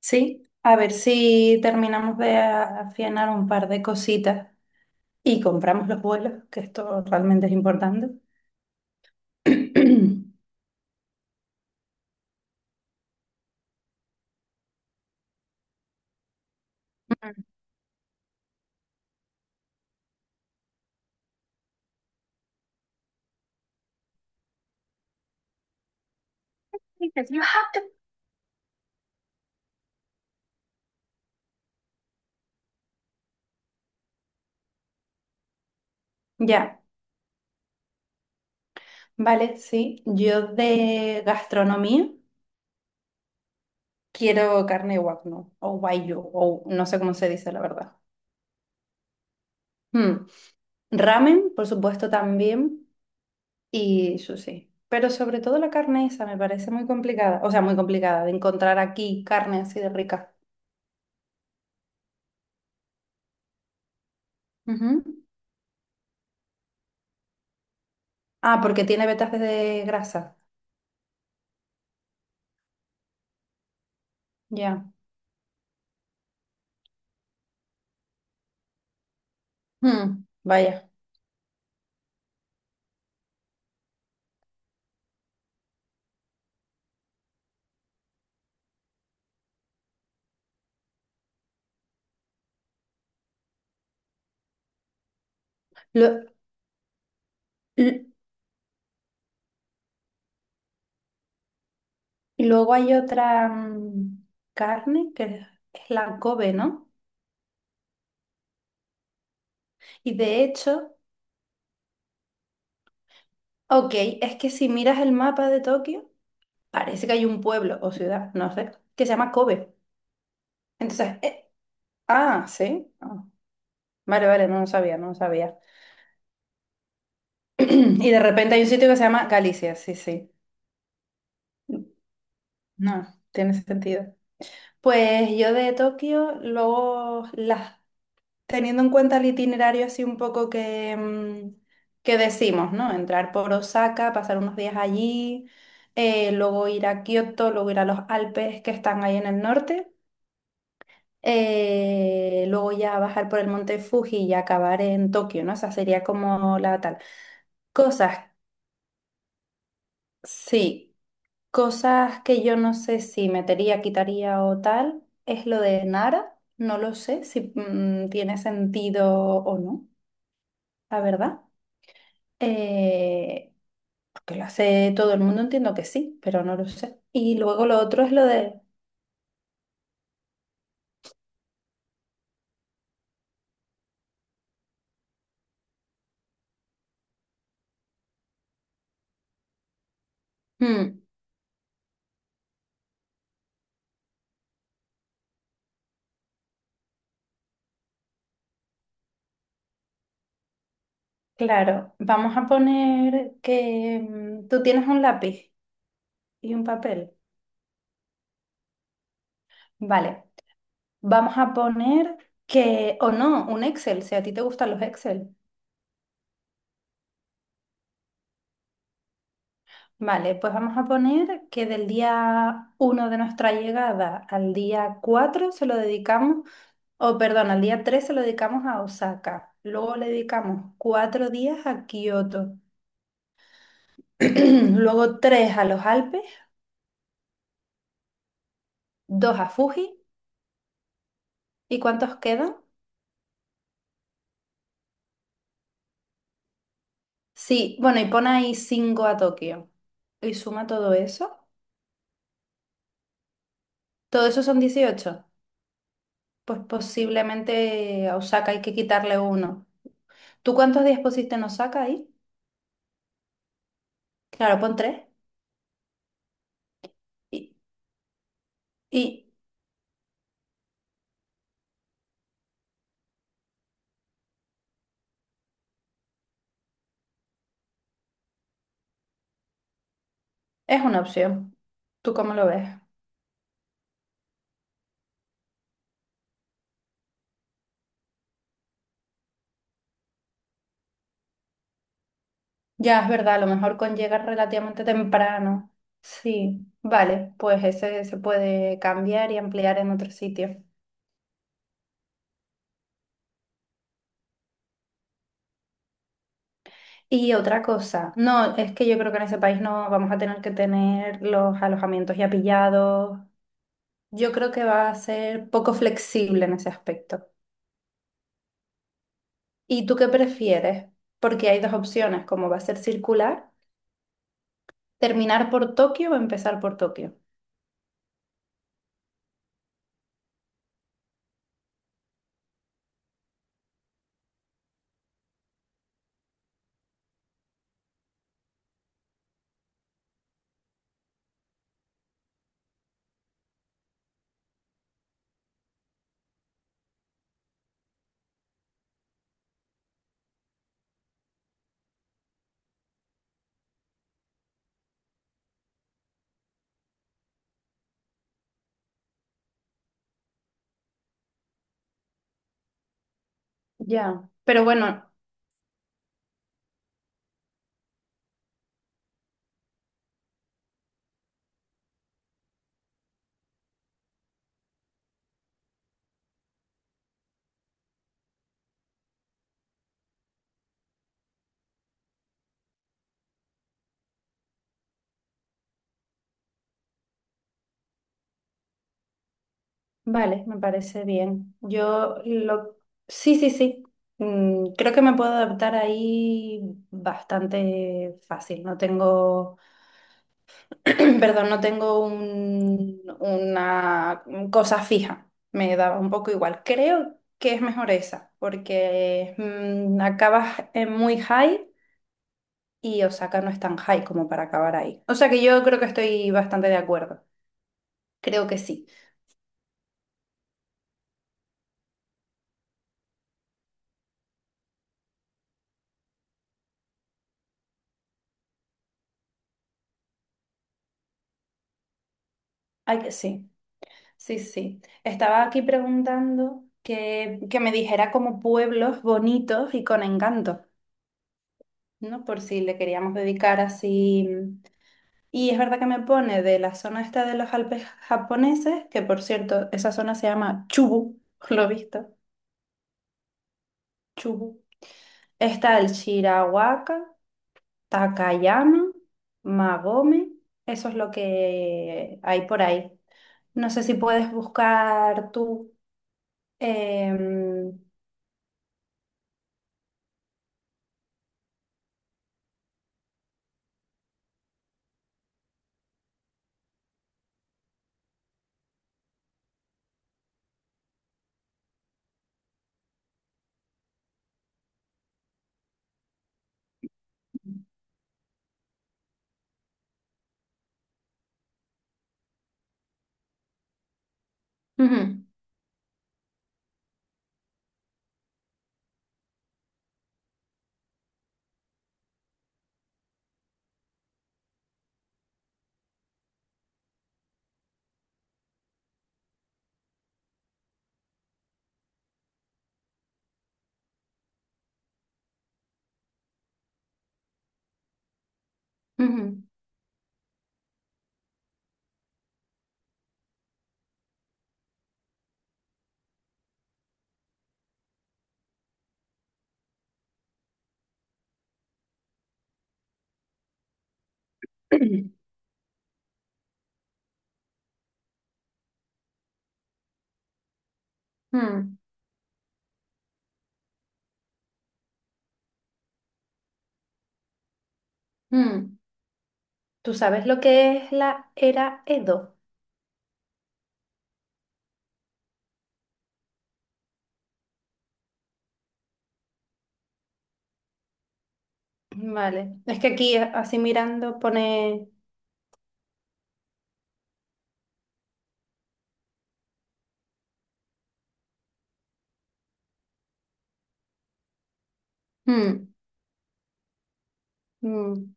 Sí, a ver si terminamos de afianar un par de cositas y compramos los vuelos, que esto realmente es importante. Ya, vale, sí. Yo de gastronomía quiero carne wagyu o wagyu o no sé cómo se dice la verdad. Mm, Ramen, por supuesto, también y sushi. Pero sobre todo la carne esa me parece muy complicada, o sea, muy complicada de encontrar aquí carne así de rica. Ujú. Ah, porque tiene vetas de grasa. Ya. Mm, vaya. Lo- l- y luego hay otra carne que es la Kobe, ¿no? Y de hecho, ok, es que si miras el mapa de Tokio, parece que hay un pueblo o ciudad, no sé, que se llama Kobe. Entonces, ah, sí. Ah, vale, vale, no lo sabía, no lo sabía. Y de repente hay un sitio que se llama Galicia, sí, sí. No, tiene sentido. Pues yo de Tokio, luego las. Teniendo en cuenta el itinerario así un poco que, que decimos, ¿no? Entrar por Osaka, pasar unos días allí, luego ir a Kioto, luego ir a los Alpes que están ahí en el norte, luego ya bajar por el monte Fuji y acabar en Tokio, ¿no? Esa sería como la tal. Cosas, sí, cosas que yo no sé si metería, quitaría o tal, es lo de Nara, no lo sé si tiene sentido o no, la verdad. Eh, porque lo hace todo el mundo, entiendo que sí, pero no lo sé. Y luego lo otro es lo de, mm, claro, vamos a poner que tú tienes un lápiz y un papel. Vale, vamos a poner que, o no, un Excel, si a ti te gustan los Excel. Vale, pues vamos a poner que del día uno de nuestra llegada al día 4 se lo dedicamos o perdón, al día 3 se lo dedicamos a Osaka. Luego le dedicamos cuatro días a Kioto. Luego tres a los Alpes, dos a Fuji. ¿Y cuántos quedan? Sí, bueno, y pon ahí cinco a Tokio. Y suma todo eso. ¿Todo eso son dieciocho? Pues posiblemente a Osaka hay que quitarle uno. ¿Tú cuántos días pusiste en Osaka ahí? Claro, pon tres. Y, y es una opción. ¿Tú cómo lo ves? Ya, es verdad, a lo mejor con llegar relativamente temprano. Sí, vale, pues ese se puede cambiar y ampliar en otro sitio. Y otra cosa, no, es que yo creo que en ese país no vamos a tener que tener los alojamientos ya pillados. Yo creo que va a ser poco flexible en ese aspecto. ¿Y tú qué prefieres? Porque hay dos opciones, como va a ser circular, terminar por Tokio o empezar por Tokio. Ya, pero bueno, vale, me parece bien. Yo lo... Sí, sí, sí. Creo que me puedo adaptar ahí bastante fácil. No tengo... Perdón, no tengo una cosa fija. Me daba un poco igual. Creo que es mejor esa, porque acabas en muy high y Osaka no es tan high como para acabar ahí. O sea que yo creo que estoy bastante de acuerdo. Creo que sí. Ay, que sí. Sí, sí. Estaba aquí preguntando que me dijera como pueblos bonitos y con encanto, ¿no? Por si le queríamos dedicar así. Y es verdad que me pone de la zona esta de los Alpes japoneses, que por cierto, esa zona se llama Chubu, lo he visto, Chubu. Está el Shirawaka, Takayama, Magome, eso es lo que hay por ahí. No sé si puedes buscar tú. em, Ujú. ujú, mm, mm. ¿Tú sabes lo que es la era Edo? Vale, es que aquí así mirando pone... Mm. Mm.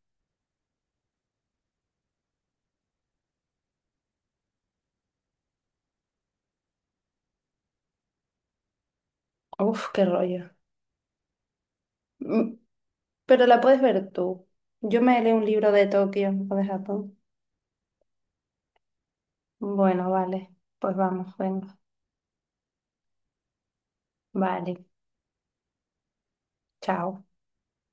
Uf, qué rollo. Mm. Pero la puedes ver tú. Yo me leo un libro de Tokio o de Japón. Bueno, vale. Pues vamos, venga. Vale. Chao.